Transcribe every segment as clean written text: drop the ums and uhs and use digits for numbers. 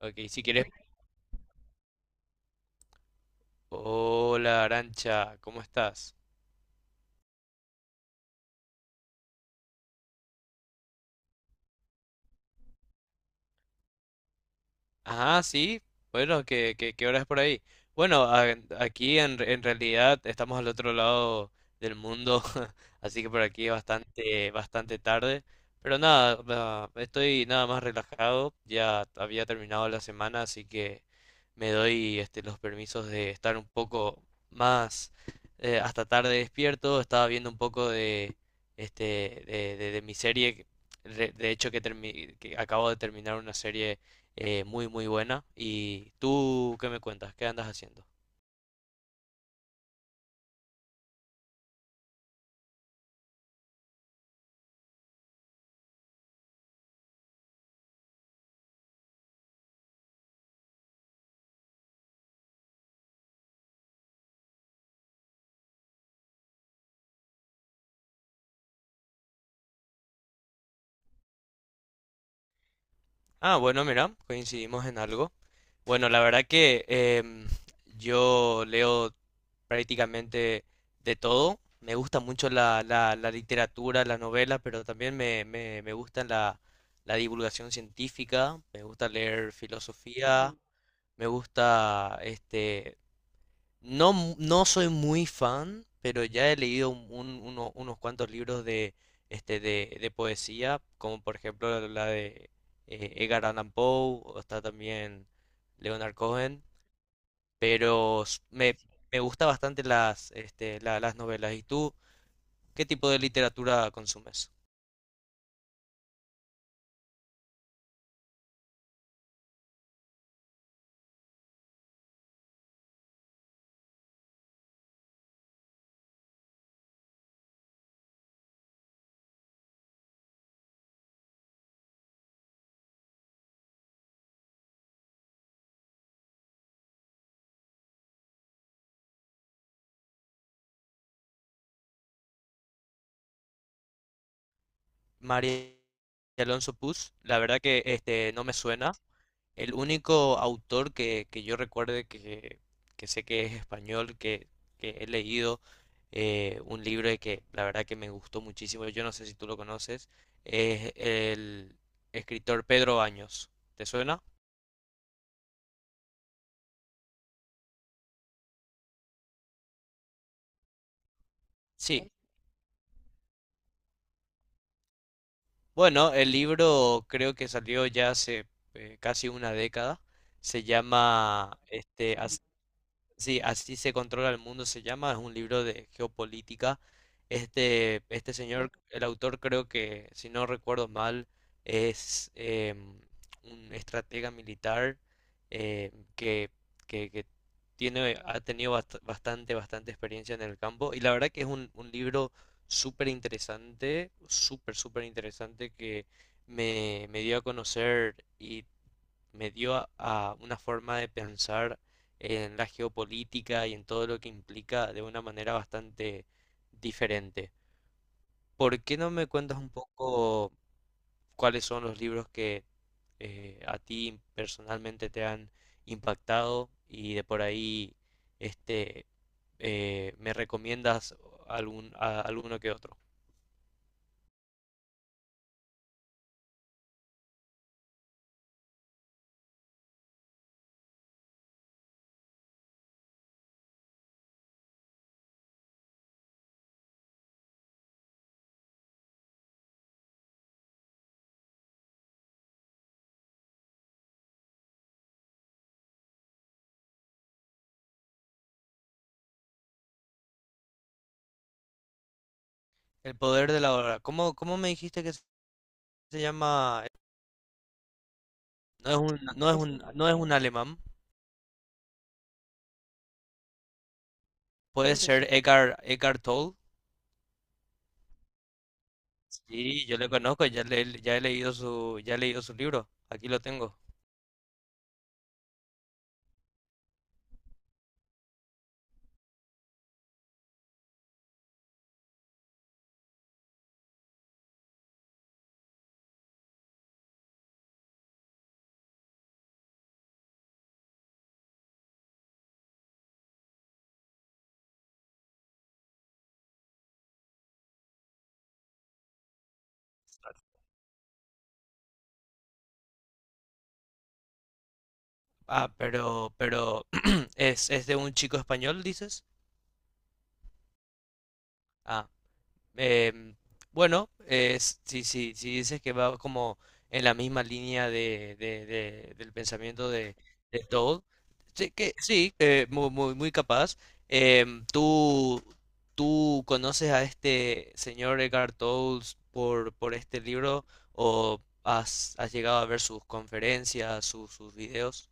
Ok, si quieres. Hola, Arancha, ¿cómo estás? Ah, sí. Bueno, ¿qué hora es por ahí? Bueno, aquí en realidad estamos al otro lado del mundo, así que por aquí es bastante tarde. Pero nada, va, estoy nada más relajado. Ya había terminado la semana, así que me doy este, los permisos de estar un poco más hasta tarde despierto. Estaba viendo un poco este, de mi serie. De hecho, que acabo de terminar una serie muy muy buena. ¿Y tú qué me cuentas? ¿Qué andas haciendo? Ah, bueno, mira, coincidimos en algo. Bueno, la verdad que yo leo prácticamente de todo. Me gusta mucho la literatura, la novela, pero también me gusta la divulgación científica, me gusta leer filosofía, me gusta este, No, no soy muy fan, pero ya he leído unos cuantos libros de, este, de poesía, como por ejemplo la de Edgar Allan Poe, o está también Leonard Cohen, pero me gusta bastante las, este, las novelas. ¿Y tú qué tipo de literatura consumes? María Alonso Puz, la verdad que este, no me suena. El único autor que yo recuerde que sé que es español, que he leído un libro y que la verdad que me gustó muchísimo, yo no sé si tú lo conoces, es el escritor Pedro Baños. ¿Te suena? Sí. Bueno, el libro creo que salió ya hace casi una década. Se llama este, Sí, así se controla el mundo, se llama, es un libro de geopolítica. Este señor, el autor creo que, si no recuerdo mal, es un estratega militar eh, que, que tiene, ha tenido bastante experiencia en el campo. Y la verdad que es un libro súper interesante, súper interesante que me dio a conocer y me dio a una forma de pensar en la geopolítica y en todo lo que implica de una manera bastante diferente. ¿Por qué no me cuentas un poco cuáles son los libros que a ti personalmente te han impactado y de por ahí este me recomiendas alguno que otro? El poder de la hora. ¿Cómo me dijiste que se llama? No es un, no es Es, un, no es un alemán. Puede ser Edgar Toll. Sí, yo le conozco, ya, ya he leído su, ya he leído su libro. Aquí lo tengo. Ah, pero es de un chico español, dices. Ah, Eh, bueno, si dices que va como en la misma línea del pensamiento de Toad, sí, que muy capaz. Em, ¿tú conoces a este señor Edgar Toad por este libro o has, has llegado a ver sus conferencias, sus videos?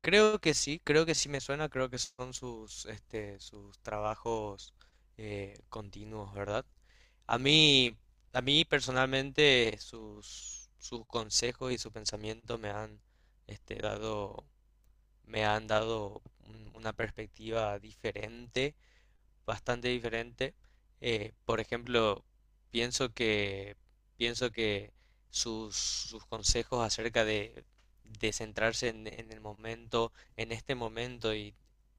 Creo que sí me suena, creo que son sus, este, sus trabajos continuos, ¿verdad? A mí, a mí personalmente sus consejos y su pensamiento me han, este, dado, me han dado una perspectiva diferente bastante diferente. Por ejemplo, pienso que, pienso que sus consejos acerca de centrarse en el momento, en este momento y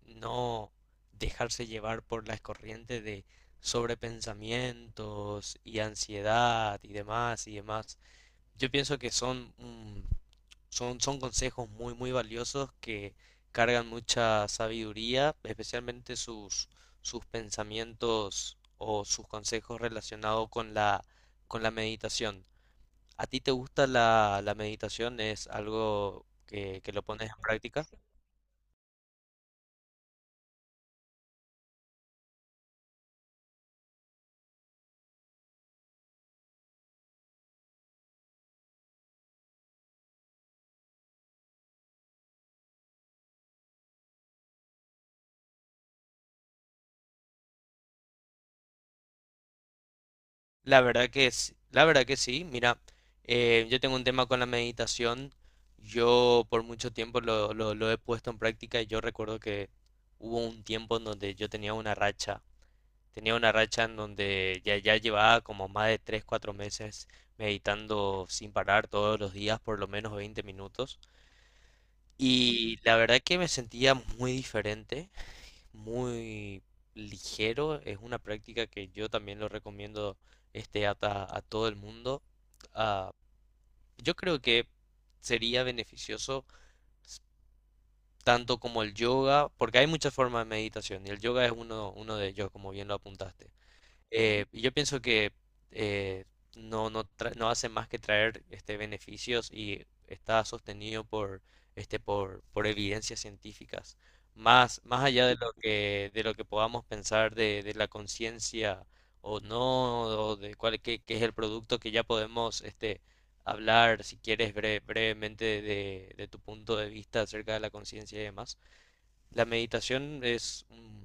no dejarse llevar por las corrientes de sobrepensamientos y ansiedad y demás y demás. Yo pienso que son, mm, son consejos muy valiosos que cargan mucha sabiduría, especialmente sus, sus pensamientos o sus consejos relacionados con con la meditación. ¿A ti te gusta la meditación? ¿Es algo que lo pones en práctica? La verdad que sí. Mira, yo tengo un tema con la meditación. Yo por mucho tiempo lo he puesto en práctica y yo recuerdo que hubo un tiempo en donde yo tenía una racha. Tenía una racha en donde ya llevaba como más de 3 4 meses meditando sin parar todos los días por lo menos 20 minutos. Y la verdad que me sentía muy diferente muy ligero. Es una práctica que yo también lo recomiendo este, a todo el mundo. Ah, yo creo que sería beneficioso s- tanto como el yoga, porque hay muchas formas de meditación y el yoga es uno de ellos, como bien lo apuntaste. Y yo pienso que eh, no hace más que traer este, beneficios y está sostenido este, por evidencias científicas. Más allá de lo que podamos pensar de la conciencia o no, o de qué es el producto que ya podemos este, hablar, si quieres, brevemente de tu punto de vista acerca de la conciencia y demás. La meditación es un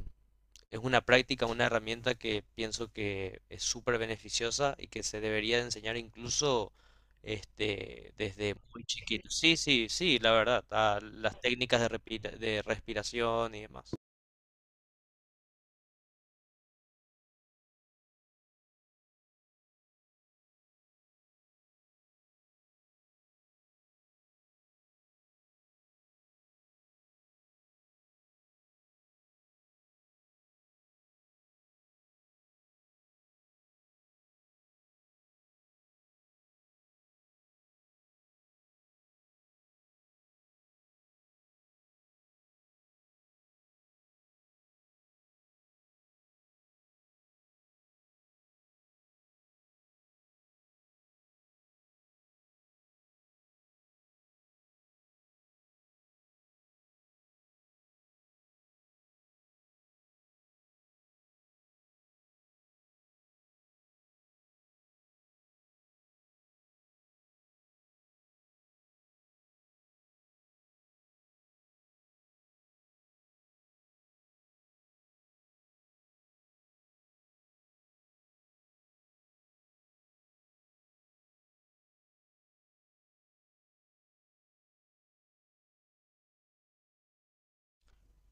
Es una práctica, una herramienta que pienso que es súper beneficiosa y que se debería enseñar incluso este, desde muy chiquito. Sí, sí, sí, la verdad, a las técnicas de respiración y demás.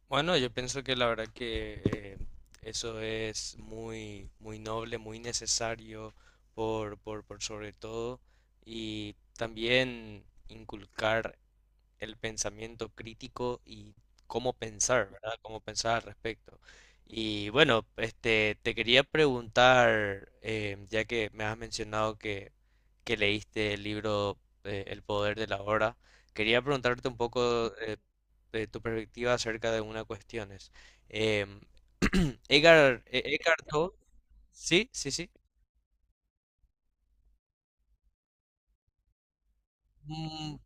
Bueno, yo pienso que la verdad que eso es muy noble, muy necesario por sobre todo y también inculcar el pensamiento crítico y cómo pensar, ¿verdad? Cómo pensar al respecto. Y bueno, este, te quería preguntar, ya que me has mencionado que leíste el libro El poder de la hora, quería preguntarte un poco de tu perspectiva acerca de una cuestión. Es, em, Edgar Tolle, sí, sí, sí. Mm,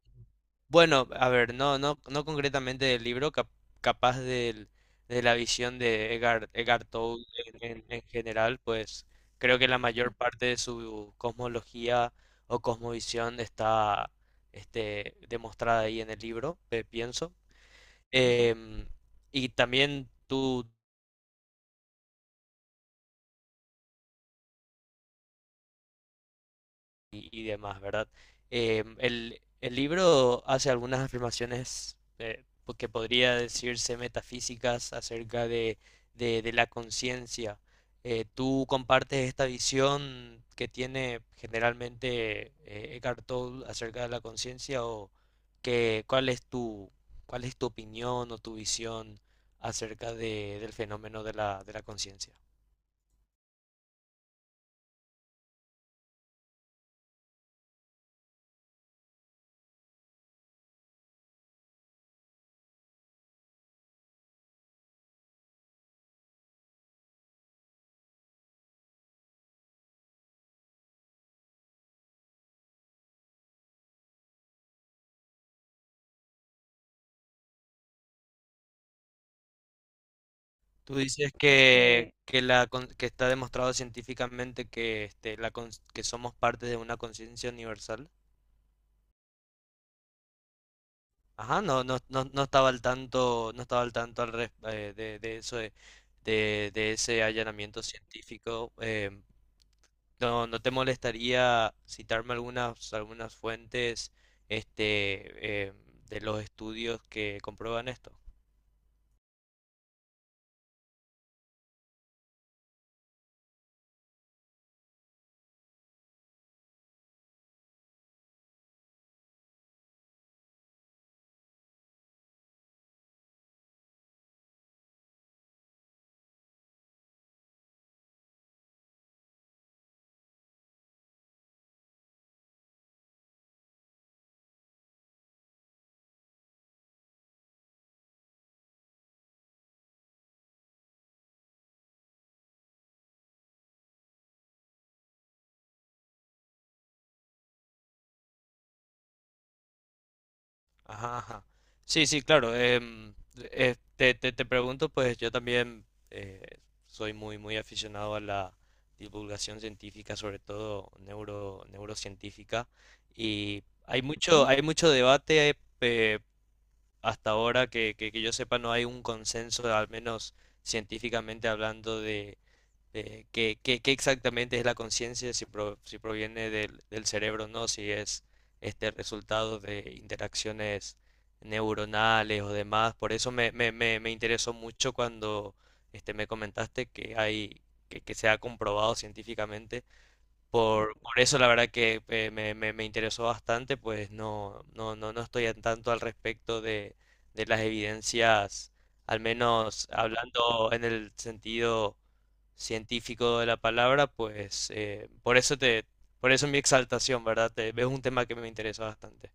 Bueno, a ver, no, no, no concretamente del libro, capaz de la visión de Edgar Tolle en general, pues creo que la mayor parte de su cosmología o cosmovisión está este, demostrada ahí en el libro, pienso. Em, y también tú, y demás, ¿verdad? El libro hace algunas afirmaciones pues, que podría decirse metafísicas acerca de la conciencia. ¿Tú compartes esta visión que tiene generalmente Eckhart Tolle acerca de la conciencia o que, cuál es tu, cuál es tu opinión o tu visión acerca del fenómeno de de la conciencia? Tú dices que está demostrado científicamente que, este, que somos parte de una conciencia universal. Ajá, no, no, no, no estaba al tanto, no estaba al tanto de eso de, de ese allanamiento científico. No, ¿no te molestaría citarme algunas fuentes este, de los estudios que comprueban esto? Ajá, ajá. Sí, sí, claro. em, te pregunto, pues yo también soy muy aficionado a la divulgación científica, sobre todo neurocientífica, y hay mucho debate, hasta ahora que yo sepa no hay un consenso, al menos científicamente hablando, de qué exactamente es la conciencia, si, si proviene del cerebro o no, si es este resultado de interacciones neuronales o demás. Por eso me interesó mucho cuando este, me comentaste que hay, que se ha comprobado científicamente. Por eso la verdad que me interesó bastante, pues no, no, no, no estoy en tanto al respecto de las evidencias, al menos hablando en el sentido científico de la palabra, pues por eso te, por eso mi exaltación, ¿verdad? Es un tema que me interesa bastante.